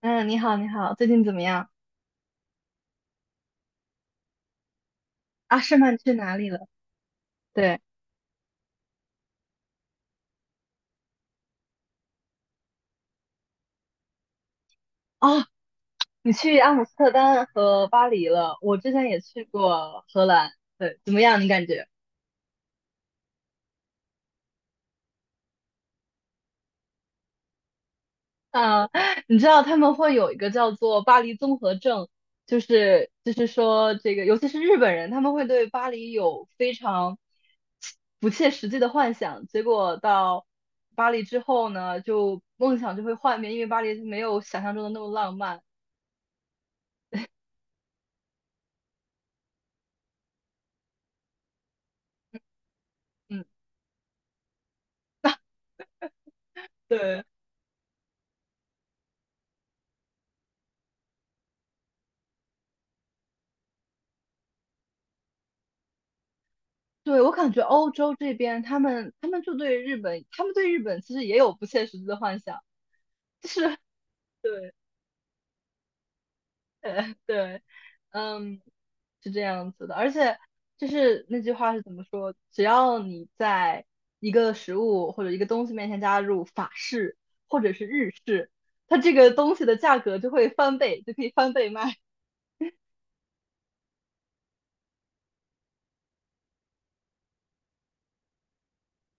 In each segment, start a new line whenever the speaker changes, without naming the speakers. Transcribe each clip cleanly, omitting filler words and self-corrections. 嗯，你好，你好，最近怎么样？啊，诗曼，去哪里了？对，哦，你去阿姆斯特丹和巴黎了。我之前也去过荷兰，对，怎么样？你感觉？啊，你知道他们会有一个叫做巴黎综合症，就是说这个，尤其是日本人，他们会对巴黎有非常不切实际的幻想，结果到巴黎之后呢，就梦想就会幻灭，因为巴黎没有想象中的那么浪漫。嗯，对。对，我感觉欧洲这边，他们就对日本，他们对日本其实也有不切实际的幻想，就是 对，对，嗯，是这样子的。而且就是那句话是怎么说？只要你在一个食物或者一个东西面前加入法式或者是日式，它这个东西的价格就会翻倍，就可以翻倍卖。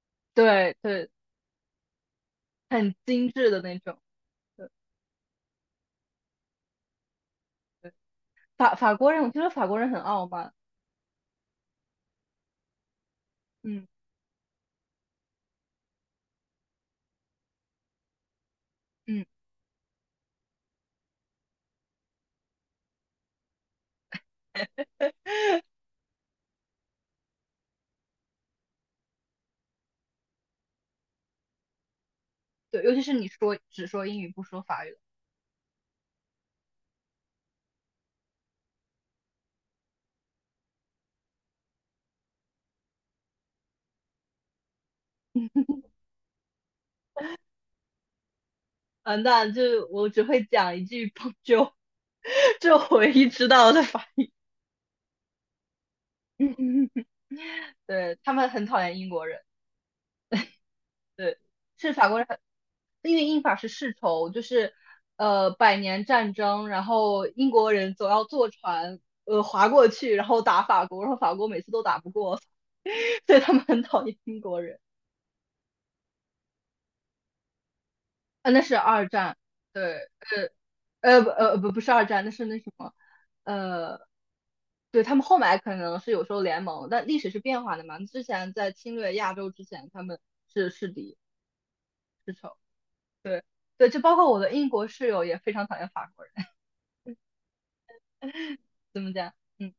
对对，很精致的那种。对法国人，我觉得法国人很傲慢。嗯嗯。对，尤其是你说只说英语不说法语，嗯，那就我只会讲一句 Bonjour，这我唯一知道的法语。对他们很讨厌英国人，对，是法国人很因为英法是世仇，就是百年战争，然后英国人总要坐船划过去，然后打法国，然后法国每次都打不过，所以他们很讨厌英国人。啊，那是二战，对，不是二战，那什么，呃，对他们后来可能是有时候联盟，但历史是变化的嘛。之前在侵略亚洲之前，他们是是敌是仇，对，就包括我的英国室友也非常讨厌法国人，怎么讲？嗯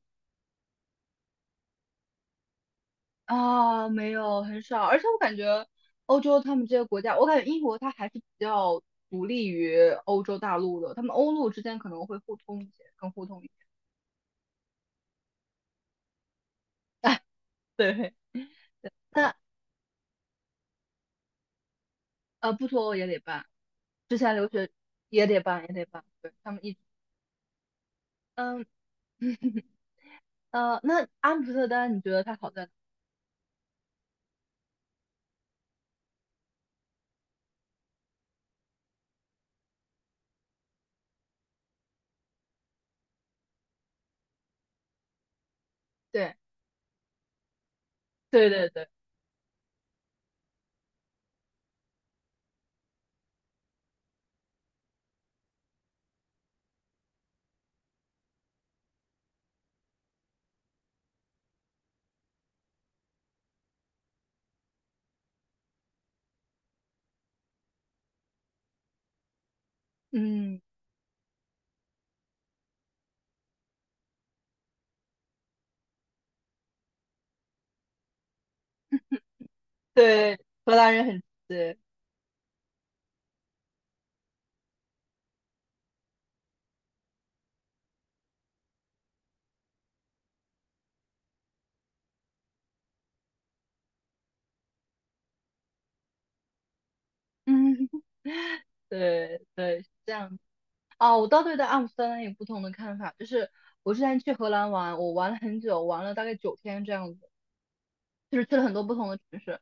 啊，没有很少，而且我感觉欧洲他们这些国家，我感觉英国它还是比较独立于欧洲大陆的，他们欧陆之间可能会互通一些，更互通一些。对，但不脱欧也得办。之前留学也得办，也得办。对，他们一直，嗯，那阿姆斯特丹，你觉得它好在哪？对，对对对，嗯，对，荷兰人很对，嗯，对对，是这样子。啊，我倒对待阿姆斯特丹有不同的看法，就是我之前去荷兰玩，我玩了很久，玩了大概9天这样子，就是去了很多不同的城市。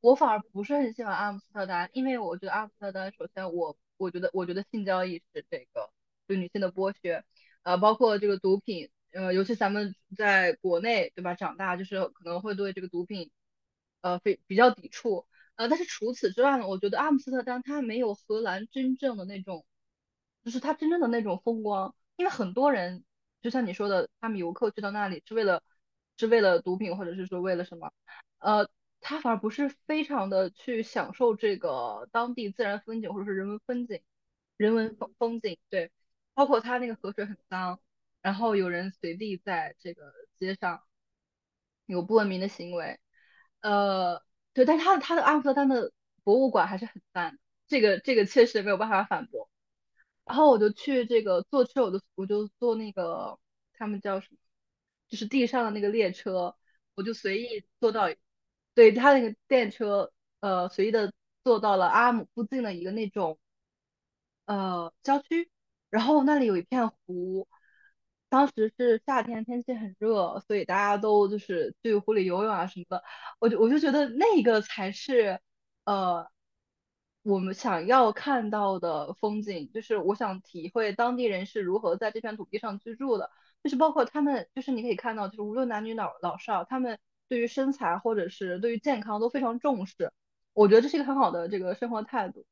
我反而不是很喜欢阿姆斯特丹，因为我觉得阿姆斯特丹，首先我觉得性交易是这个对女性的剥削，包括这个毒品，尤其咱们在国内对吧，长大就是可能会对这个毒品，呃，非比较抵触，但是除此之外呢，我觉得阿姆斯特丹它没有荷兰真正的那种，就是它真正的那种风光，因为很多人就像你说的，他们游客去到那里是为了毒品或者是说为了什么。呃，他反而不是非常的去享受这个当地自然风景或者是人文风景，人文风景，对，包括他那个河水很脏，然后有人随地在这个街上有不文明的行为，呃，对，但他的阿姆斯特丹的博物馆还是很赞的，这个确实没有办法反驳。然后我就去这个坐车，我就坐那个他们叫什么，就是地上的那个列车，我就随意坐到。对，他那个电车，随意的坐到了阿姆附近的一个那种。郊区，然后那里有一片湖，当时是夏天，天气很热，所以大家都就是去湖里游泳啊什么的。我就觉得那个才是呃我们想要看到的风景，就是我想体会当地人是如何在这片土地上居住的，就是包括他们，就是你可以看到，就是无论男女老少，他们对于身材或者是对于健康都非常重视。我觉得这是一个很好的这个生活态度。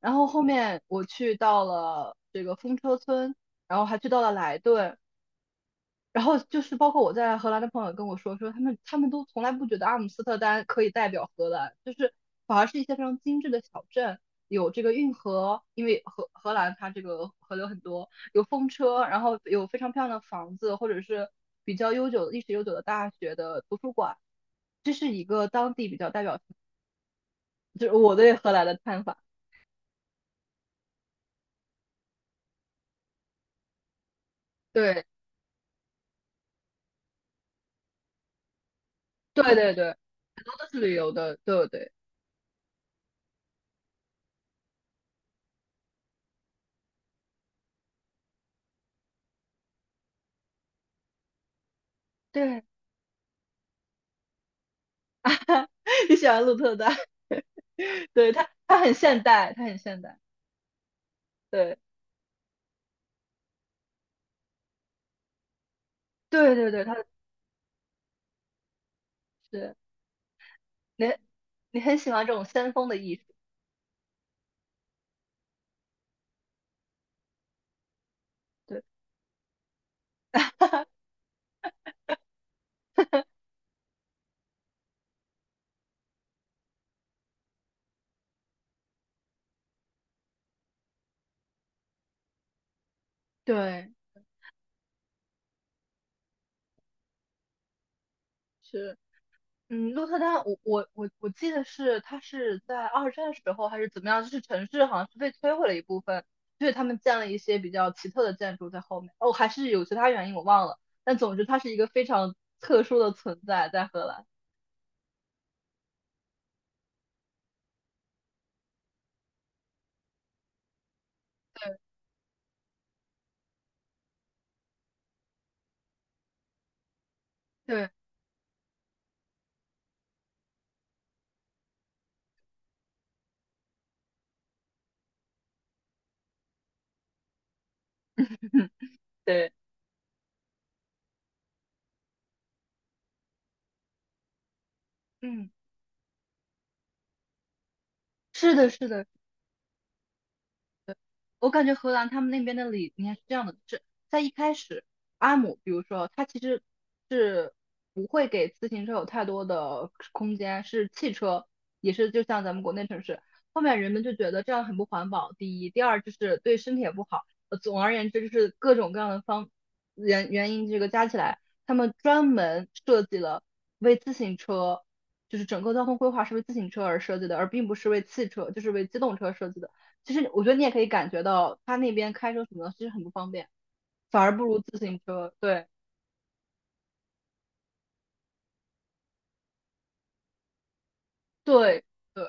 然后后面我去到了这个风车村，然后还去到了莱顿，然后就是包括我在荷兰的朋友跟我说，说他们都从来不觉得阿姆斯特丹可以代表荷兰，就是反而是一些非常精致的小镇，有这个运河，因为荷兰它这个河流很多，有风车，然后有非常漂亮的房子，或者是比较悠久的历史悠久的大学的图书馆，这是一个当地比较代表，就是我对荷兰的看法。对对对对，都是旅游的，对对。对，你喜欢鹿特丹？对，它很现代，它很现代。对对对对，它是你你很喜欢这种先锋的艺术。对 对，是嗯，鹿特丹，我记得是它是在二战时候还是怎么样，就是城市好像是被摧毁了一部分，所以他们建了一些比较奇特的建筑在后面。哦，还是有其他原因我忘了，但总之它是一个非常特殊的存在在荷兰。对 对，嗯，是的，是的。我感觉荷兰他们那边的理念是这样的，就是在一开始，阿姆，比如说他其实是不会给自行车有太多的空间，是汽车，也是就像咱们国内城市。后面人们就觉得这样很不环保，第一，第二就是对身体也不好。总而言之，就是各种各样的原因，这个加起来，他们专门设计了为自行车，就是整个交通规划是为自行车而设计的，而并不是为汽车，就是为机动车设计的。其实我觉得你也可以感觉到，他那边开车什么的其实很不方便，反而不如自行车。对对对，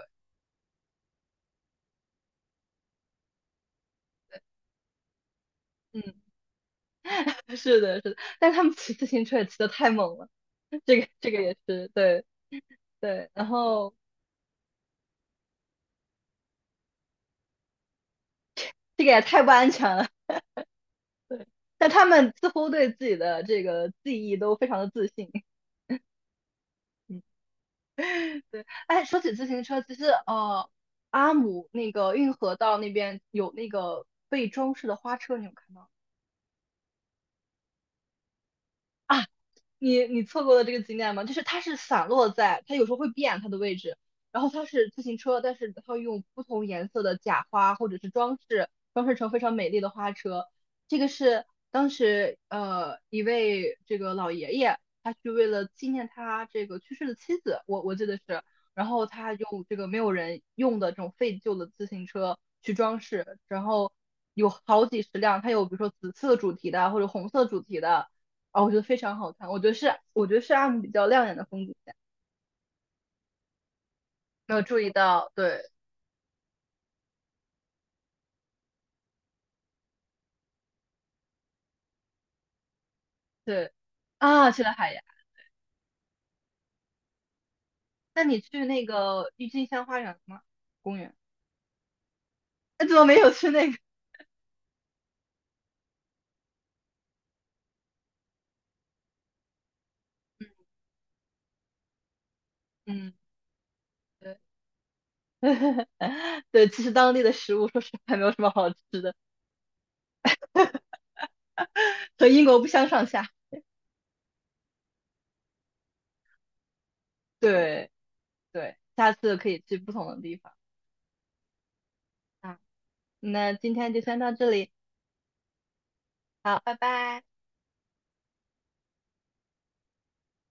嗯，是的，是的。但是他们骑自行车也骑的太猛了，这个也是对对。然后这个也太不安全了，对。但他们似乎对自己的这个记忆都非常的自信。嗯，对。哎，说起自行车，其实，阿姆那个运河道那边有那个被装饰的花车，你有看到吗？你错过了这个景点吗？就是它是散落在，它有时候会变它的位置，然后它是自行车，但是它会用不同颜色的假花或者是装饰，装饰成非常美丽的花车。这个是当时一位这个老爷爷，他去为了纪念他这个去世的妻子，我记得是，然后他用这个没有人用的这种废旧的自行车去装饰，然后有好几十辆，它有比如说紫色主题的或者红色主题的。啊，我觉得非常好看，我觉得是阿姆比较亮眼的风景线，没有注意到，对对啊，去了海牙，那你去那个郁金香花园了吗？公园？那怎么没有去那个？嗯，对 对，其实当地的食物说实话没有什么好吃的，和英国不相上下。对对，下次可以去不同的地方啊。那今天就先到这里，好，拜拜。